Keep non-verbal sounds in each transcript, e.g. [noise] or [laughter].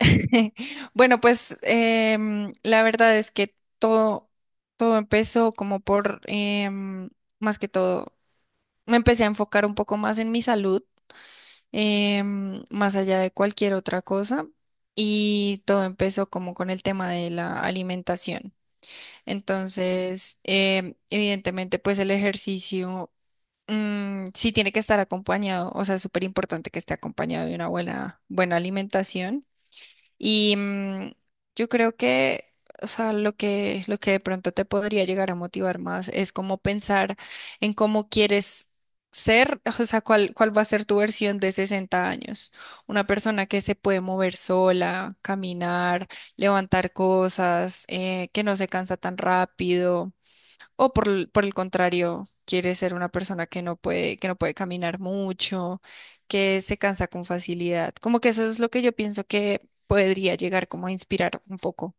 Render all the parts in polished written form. [laughs] Bueno, pues la verdad es que todo empezó como por, más que todo, me empecé a enfocar un poco más en mi salud, más allá de cualquier otra cosa, y todo empezó como con el tema de la alimentación. Entonces, evidentemente, pues el ejercicio sí tiene que estar acompañado, o sea, es súper importante que esté acompañado de una buena, buena alimentación. Y yo creo que, o sea, lo que de pronto te podría llegar a motivar más es como pensar en cómo quieres ser, [laughs] o sea, cuál va a ser tu versión de 60 años. Una persona que se puede mover sola, caminar, levantar cosas, que no se cansa tan rápido. O por, por el contrario, quiere ser una persona que no puede caminar mucho, que se cansa con facilidad. Como que eso es lo que yo pienso que podría llegar como a inspirar un poco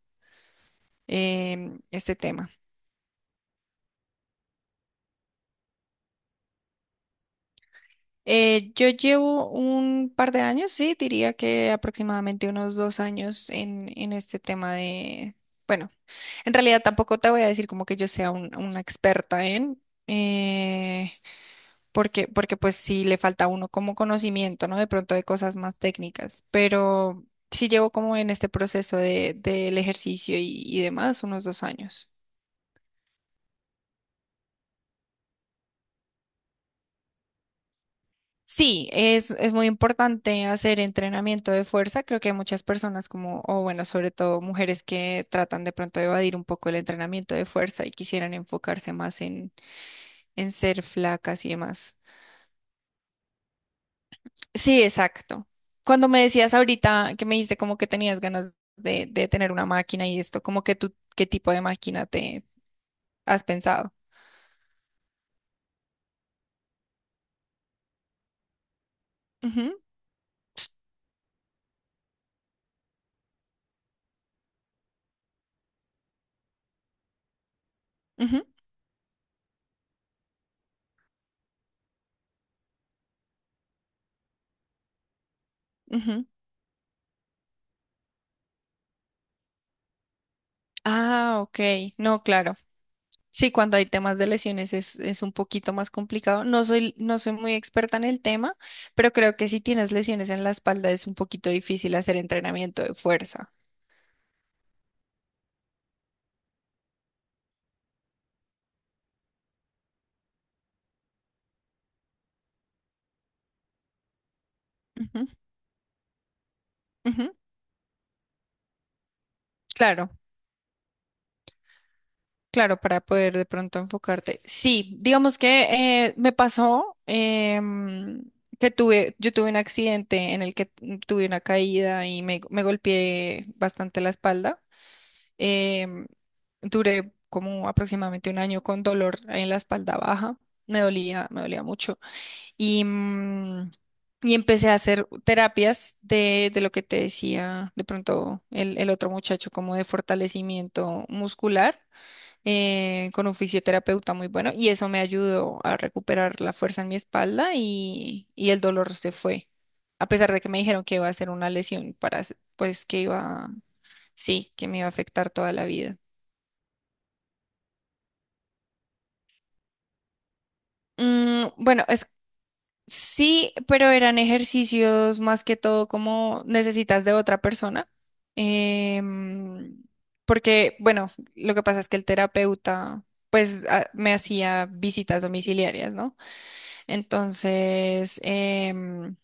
este tema. Yo llevo un par de años, sí, diría que aproximadamente unos 2 años en este tema de, bueno, en realidad tampoco te voy a decir como que yo sea una experta en... eh, porque, porque pues sí le falta a uno como conocimiento, ¿no? De pronto de cosas más técnicas, pero sí llevo como en este proceso de, del ejercicio y demás unos 2 años. Sí, es muy importante hacer entrenamiento de fuerza. Creo que hay muchas personas como, o bueno, sobre todo mujeres que tratan de pronto de evadir un poco el entrenamiento de fuerza y quisieran enfocarse más en ser flacas y demás. Sí, exacto. Cuando me decías ahorita que me dijiste como que tenías ganas de tener una máquina y esto, como que tú, ¿qué tipo de máquina te has pensado? Ujú, ujú, ujú. Ah, ok. No, claro. Sí, cuando hay temas de lesiones es un poquito más complicado. No soy, no soy muy experta en el tema, pero creo que si tienes lesiones en la espalda es un poquito difícil hacer entrenamiento de fuerza. Ujú, ujú. Claro. Claro, para poder de pronto enfocarte. Sí, digamos que me pasó que tuve, yo tuve un accidente en el que tuve una caída y me golpeé bastante la espalda. Em, duré como aproximadamente un año con dolor en la espalda baja. Me dolía mucho. Y, mm, y empecé a hacer terapias de lo que te decía de pronto el otro muchacho, como de fortalecimiento muscular con un fisioterapeuta muy bueno y eso me ayudó a recuperar la fuerza en mi espalda y el dolor se fue. A pesar de que me dijeron que iba a ser una lesión para, pues que iba, sí, que me iba a afectar toda la vida. Bueno, es sí, pero eran ejercicios más que todo como necesitas de otra persona. em, porque, bueno, lo que pasa es que el terapeuta, pues, me hacía visitas domiciliarias, ¿no? Entonces,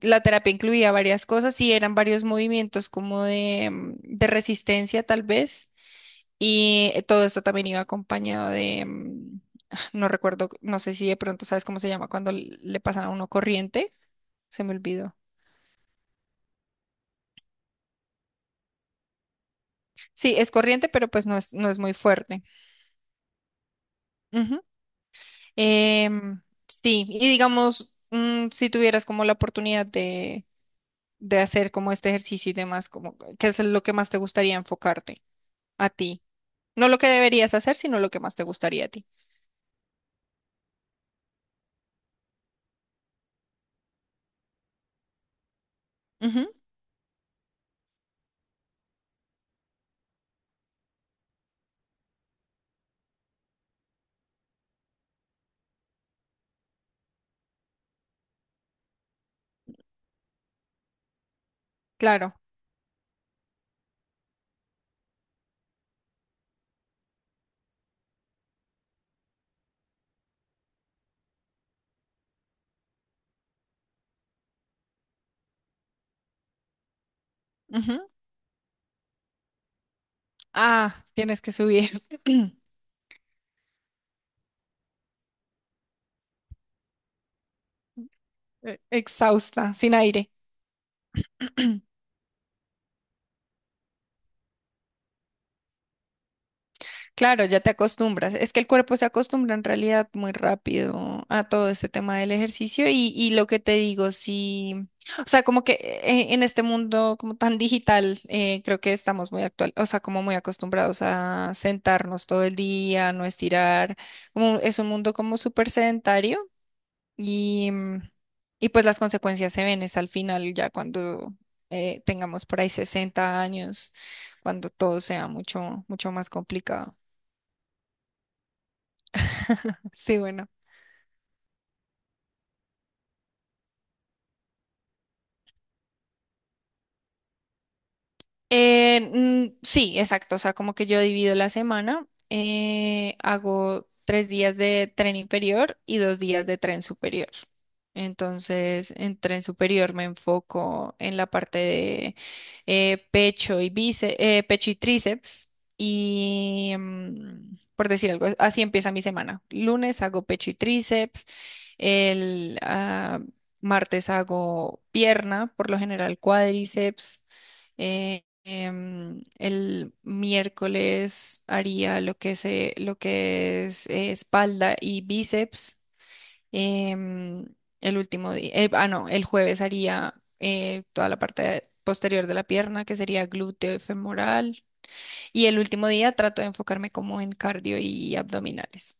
la terapia incluía varias cosas y eran varios movimientos como de, de resistencia tal vez. Y todo esto también iba acompañado de, [sighs] no recuerdo, no sé si de pronto sabes cómo se llama cuando le pasan a uno corriente. Se me olvidó. Sí, es corriente, pero pues no es, no es muy fuerte. Ujú. Em, sí, y digamos, si tuvieras como la oportunidad de hacer como este ejercicio y demás, como, ¿qué es lo que más te gustaría enfocarte? A ti. No lo que deberías hacer, sino lo que más te gustaría a ti. Ujú, claro. Ujú. Ah, tienes que subir [clears throat] exhausta, sin aire. [clears throat] Claro, ya te acostumbras. Es que el cuerpo se acostumbra en realidad muy rápido a todo este tema del ejercicio y lo que te digo, sí, o sea, como que en este mundo como tan digital, creo que estamos muy actual, o sea, como muy acostumbrados a sentarnos todo el día, no estirar, como es un mundo como súper sedentario. Y, mm, y pues las consecuencias se ven es al final, ya cuando tengamos por ahí 60 años, cuando todo sea mucho, mucho más complicado. [laughs] Sí, bueno. Eh, sí, exacto. O sea, como que yo divido la semana, hago 3 días de tren inferior y 2 días de tren superior. Entonces, en tren superior me enfoco en la parte de pecho y bíceps, pecho y tríceps. Y por decir algo, así empieza mi semana. Lunes hago pecho y tríceps. El martes hago pierna, por lo general cuádriceps. eh, el miércoles haría lo que se, lo que es espalda y bíceps. em, el último día, ah, no, el jueves haría toda la parte posterior de la pierna, que sería glúteo y femoral. Y el último día trato de enfocarme como en cardio y abdominales.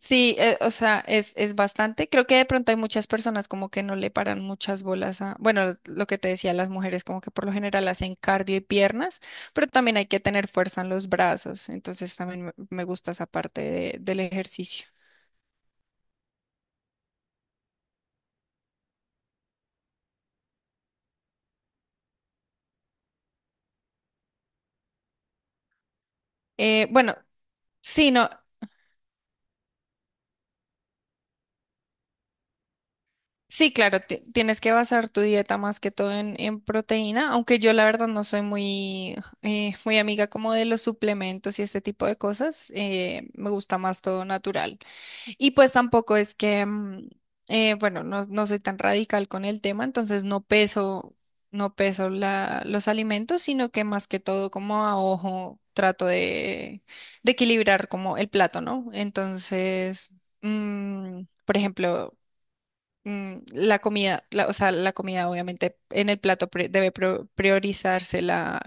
Sí, o sea, es bastante. Creo que de pronto hay muchas personas como que no le paran muchas bolas a, bueno, lo que te decía, las mujeres como que por lo general hacen cardio y piernas, pero también hay que tener fuerza en los brazos. Entonces también me gusta esa parte del ejercicio. Bueno, sí, no, sí, claro, tienes que basar tu dieta más que todo en proteína, aunque yo la verdad no soy muy, muy amiga como de los suplementos y este tipo de cosas. Me gusta más todo natural. Y pues tampoco es que, bueno, no, no soy tan radical con el tema, entonces no peso, no peso la, los alimentos, sino que más que todo como a ojo trato de equilibrar como el plato, ¿no? Entonces, por ejemplo, la comida, o sea, la comida obviamente en el plato debe priorizarse la,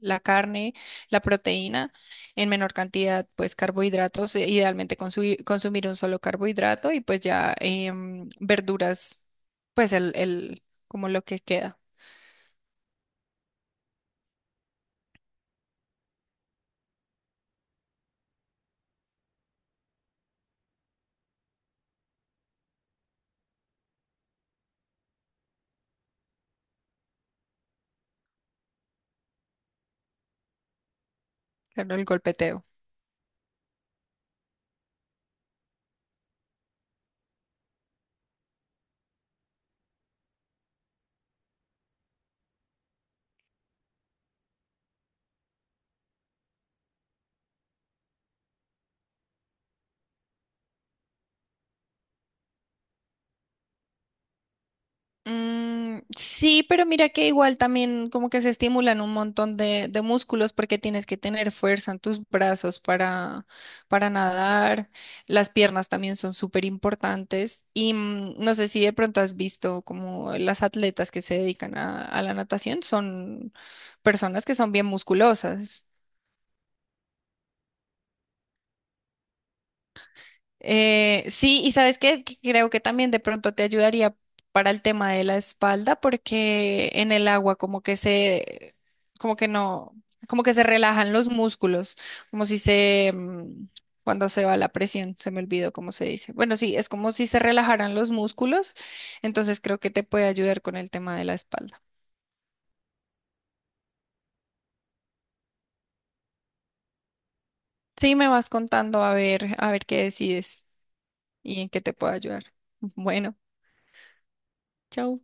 la carne, la proteína, en menor cantidad, pues carbohidratos, idealmente consumir, consumir un solo carbohidrato y pues ya verduras, pues el, como lo que queda, claro, el golpeteo. Sí, pero mira que igual también como que se estimulan un montón de músculos porque tienes que tener fuerza en tus brazos para nadar. Las piernas también son súper importantes. Y no sé si de pronto has visto como las atletas que se dedican a la natación son personas que son bien musculosas. Sí, y sabes qué, que creo que también de pronto te ayudaría para el tema de la espalda, porque en el agua como que se, como que no, como que se relajan los músculos, como si se, cuando se va la presión, se me olvidó cómo se dice. Bueno, sí, es como si se relajaran los músculos, entonces creo que te puede ayudar con el tema de la espalda. Sí, me vas contando a ver qué decides y en qué te puedo ayudar. Bueno, chao.